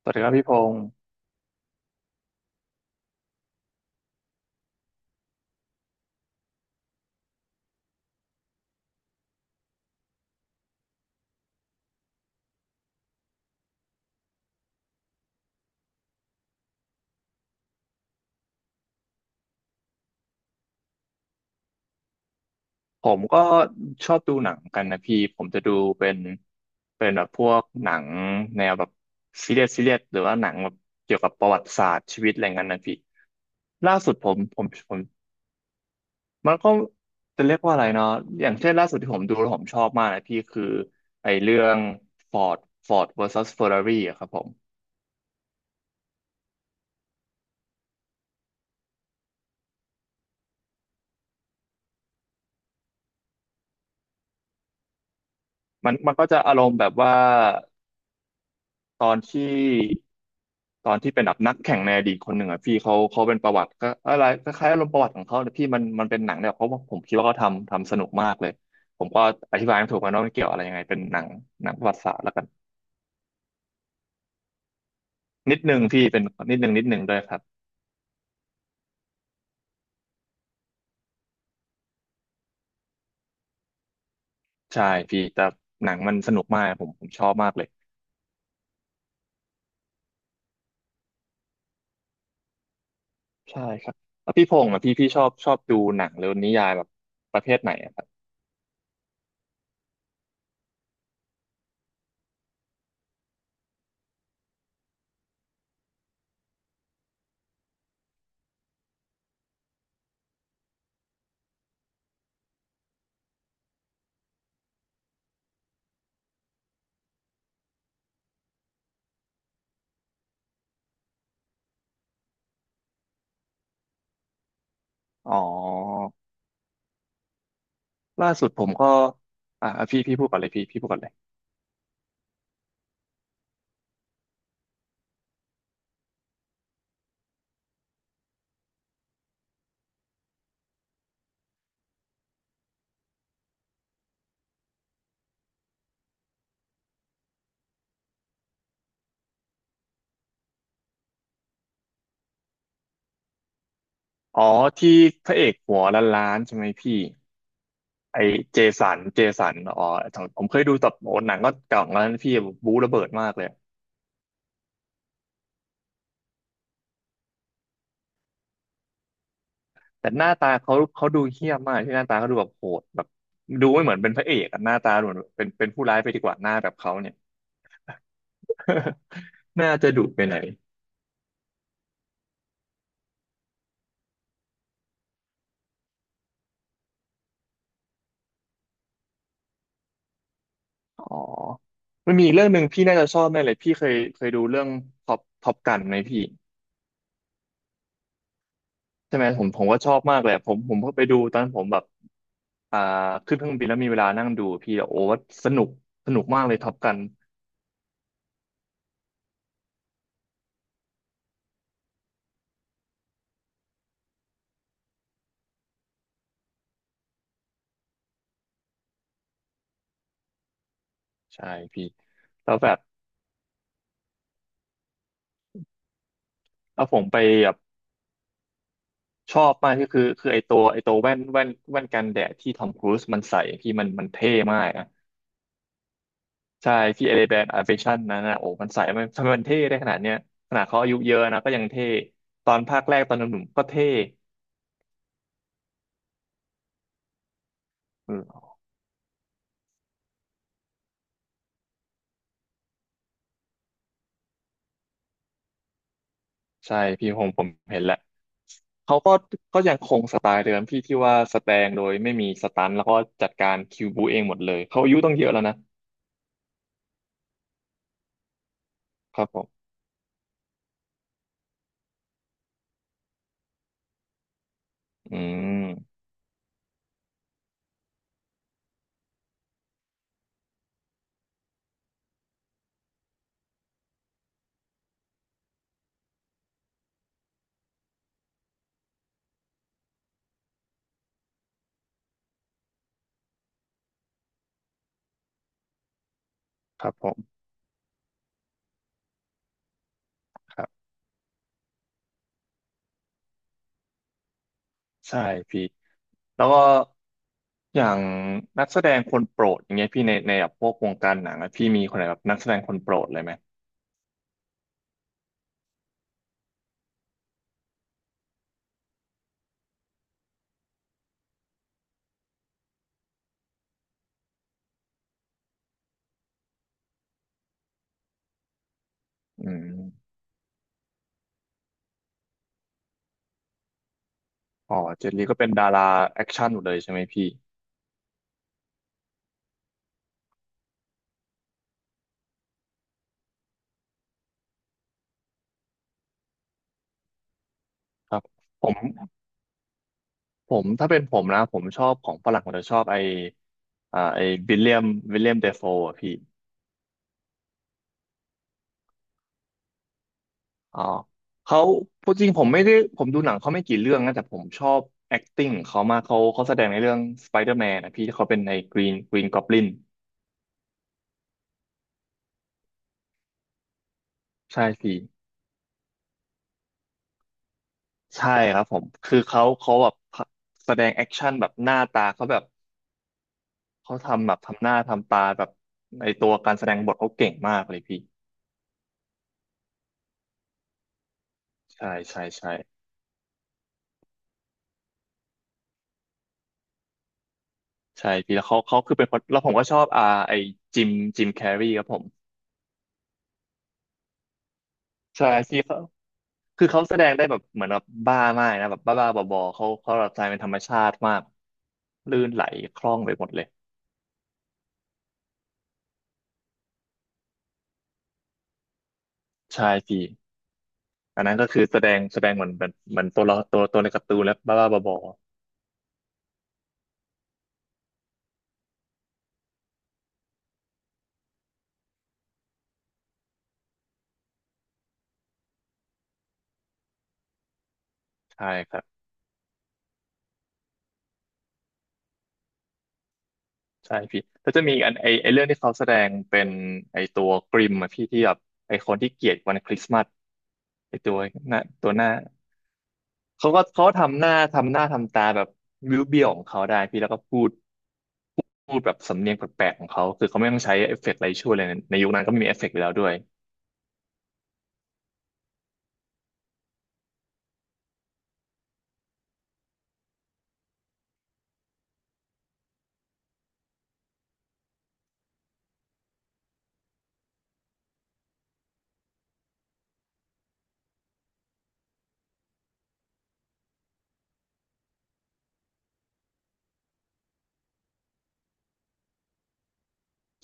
สวัสดีครับพี่พงศ์ผมก็ชอบดูหนังกันนะพี่ผมจะดูเป็นเป็นแบบพวกหนังแนวแบบซีเรียสซีเรียสหรือว่าหนังแบบเกี่ยวกับประวัติศาสตร์ชีวิตอะไรเงี้ยนะพี่ล่าสุดผมมันก็จะเรียกว่าอะไรเนาะอย่างเช่นล่าสุดที่ผมดูแล้วผมชอบมากนะพี่คือไอ้เรื่อง Ford Ford versus Ferrari อะครับผมมันก็จะอารมณ์แบบว่า ตอนที่ตอนที่เป็นแบบนักแข่งในอดีตคนหนึ่งอ่ะพี่เขาเป็นประวัติก็อะไรคล้ายๆอารมณ์ประวัติของเขาแต่ยพี่มันเป็นหนังเนี่ยเพราะว่าผมคิดว่าเขาทำสนุกมากเลยผมก็อธิบายไม่ถูกกันะว่ามันเกี่ยวอะไรยังไงเป็นหนังประวัติศาสตร์แล้วกันนิดนึงพี่เป็นนิดนึงด้วยครับใช่พี่แต่หนังมันสนุกมากผมชอบมากเลยใช่ครับแล้วพี่พงษ์อ่ะพี่ชอบดูหนังหรือนิยายแบบประเภทไหนอะครับอ๋อล่าสุดผมก็พี่พูดก่อนเลย อ๋อที่พระเอกหัวล้านๆใช่ไหมพี่ไอเจสันอ๋อผมเคยดูแต่โอ้หนังก็เก่าแล้วนะพี่บู๊ระเบิดมากเลยแต่หน้าตาเขาดูเหี้ยมมากที่หน้าตาเขาดูแบบโหดแบบดูไม่เหมือนเป็นพระเอกอะหน้าตาดูเหมือนเป็นผู้ร้ายไปดีกว่าหน้าแบบเขาเนี่ย น่าจะดุไปไหนอยอ๋อมันมีอีกเรื่องหนึ่งพี่น่าจะชอบแน่เลยพี่เคยดูเรื่องท็อปกันไหมพี่ใช่ไหมผมก็ชอบมากเลยอะผมก็ไปดูตอนผมแบบ อ่าขึ้นเครื่องบินแล้วมีเวลานั่งดูพี่โอ้สนุกมากเลยท็อปกันใช่พี่แล้วแบบแล้วผมไปแบบชอบมากก็คือคือไอตัวแว่นกันแดดที่ทอมครูซมันใส่พี่มันเท่มากนะใช่ที่เอเลแบนอ a ร i เฟชันนั้นนะโอ้มันใส่มันทำไมมันเท่ได้ขนาดเนี้ยขนาดเขาอายุเยอะนะก็ยังเท่ตอนภาคแรกตอนหนุ่มๆก็เท่ ใช่พี่ผมเห็นแหละเขาก็ก็ยังคงสไตล์เดิมพี่ที่ว่าสแตงโดยไม่มีสตันแล้วก็จัดการคิวบูเองหมดเลยเขาอายุต้องเยอะแล้วนะครับผมอืมครับผมครับใช่พี่แล้วก็อย่างนักแสดงคนโปรดอย่างเงี้ยพี่ในแบบพวกวงการหนังอะพี่มีคนไหนแบบนักแสดงคนโปรดเลยไหมอืมอ๋อเจนลีก็เป็นดาราแอคชั่นหมดเลยใช่ไหมพี่ครับผม ถ้าเป็นผมนะผมชอบของฝรั่งผมจะชอบไอไอวิลเลียมวิลเลียมเดฟโฟอ่ะพี่อ๋อเขาพูดจริงผมไม่ได้ผมดูหนังเขาไม่กี่เรื่องนะแต่ผมชอบ acting ของเขามากเขาแสดงในเรื่อง Spider-Man นะพี่ที่เขาเป็นใน Green Goblin ใช่พี่ใช่ครับผมคือเขาแบบแสดงแอคชั่นแบบหน้าตาเขาแบบเขาทำแบบทำหน้าทำตาแบบในตัวการแสดงบทเขาเก่งมากเลยพี่ใช่ใช่ใช่ ใช่พี่แล้วเขาคือเป็นคนแล้วผมก็ชอบอ่าไอจิมจิมแคร์รีครับผมใช่ที่เขาคือเขาแสดงได้แบบเหมือนแบบบ้ามากนะแบบบ้าๆบอๆเขาหลับใจเป็นธรรมชาติมากลื่นไหลคล่องไปหมดเลยใช่พี่อันนั้นก็คือแสดงเหมือนแบบเหมือนตัวละตัวในการ์ตูนแล้วบ้าๆบอๆใช่ครับใช่พี่แล้วจะมีอกอันไอเรื่องที่เขาแสดงเป็นไอตัวกริมอะพี่ที่แบบไอคนที่เกลียดวันคริสต์มาสไอตัวหน้าตัวหน้า เขาก็เขาทำหน้าทำตาแบบวิวเบี้ยวๆของเขาได้พี่แล้วก็พูดแบบสำเนียงแปลกๆของเขาคือเขาไม่ต้องใช้เอฟเฟกต์อะไรช่วยเลยนะในยุคนั้นก็ไม่มีเอฟเฟกต์อยู่แล้วด้วย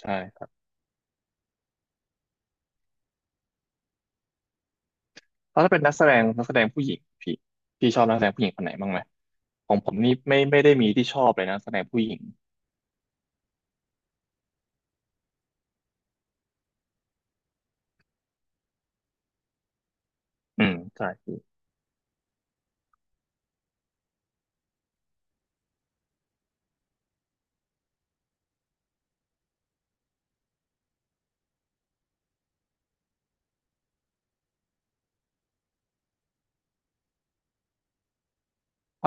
ใช่ครับแล้วถ้าเป็นนักแสดงผู้หญิงพี่พี่ชอบนักแสดงผู้หญิงคนไหนบ้างไหมของผมนี่ไม่ได้มีที่ชอบเลยนะนักแสดงผู้หญิงอืมใช่พี่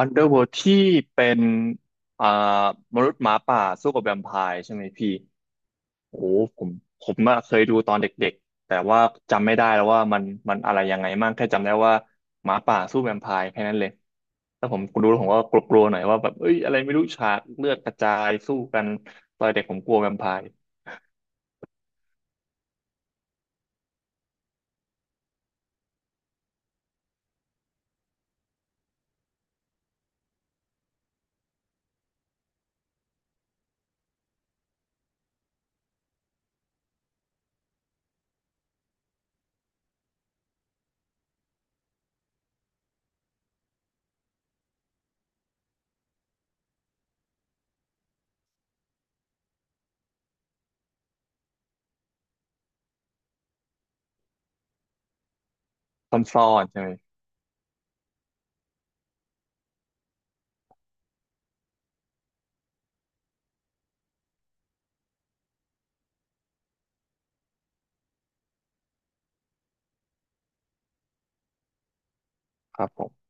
Underworld ที่เป็นอ่ามนุษย์หมาป่าสู้กับแวมไพร์ใช่ไหมพี่ โอ้ผมอะเคยดูตอนเด็กๆแต่ว่าจำไม่ได้แล้วว่ามันมันอะไรยังไงมั่งแค่จำได้ว่าหมาป่าสู้แวมไพร์แค่นั้นเลยแล้วผมดูแล้วผมก็กลัวๆหน่อยว่าแบบเอ้ยอะไรไม่รู้ฉากเลือดกระจายสู้กันตอนเด็กผมกลัวแวมไพร์ซ่อนๆใช่ไหมครับผม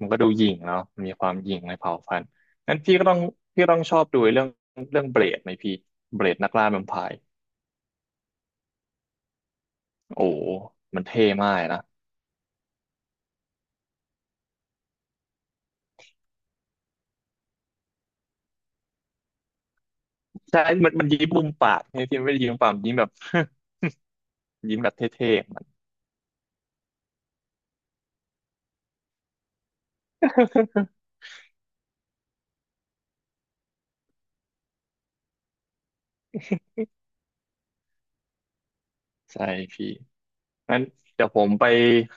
มันก็ดูหยิ่งเนาะมีความหยิ่งในเผ่าพันธุ์งั้นพี่ก็ต้องพี่ต้องชอบดูเรื่องเบลดไหมพี่เบลดนักล่าแวมไพร์โอ้มันเท่มากนะใช่มันยิ้มมุมปากใช่ไหมพี่มันไม่ได้ยิ้มมุมปากมันยิ้มแบบ ยิ้มแบบเท่ๆมัน ใช่พี่งั้นเดี๋ยวผมไป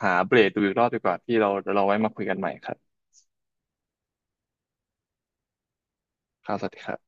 หาเบรดดูอีกรอบดีกว่าพี่เราไว้มาคุยกันใหม่ครับครับสวัสดีครับ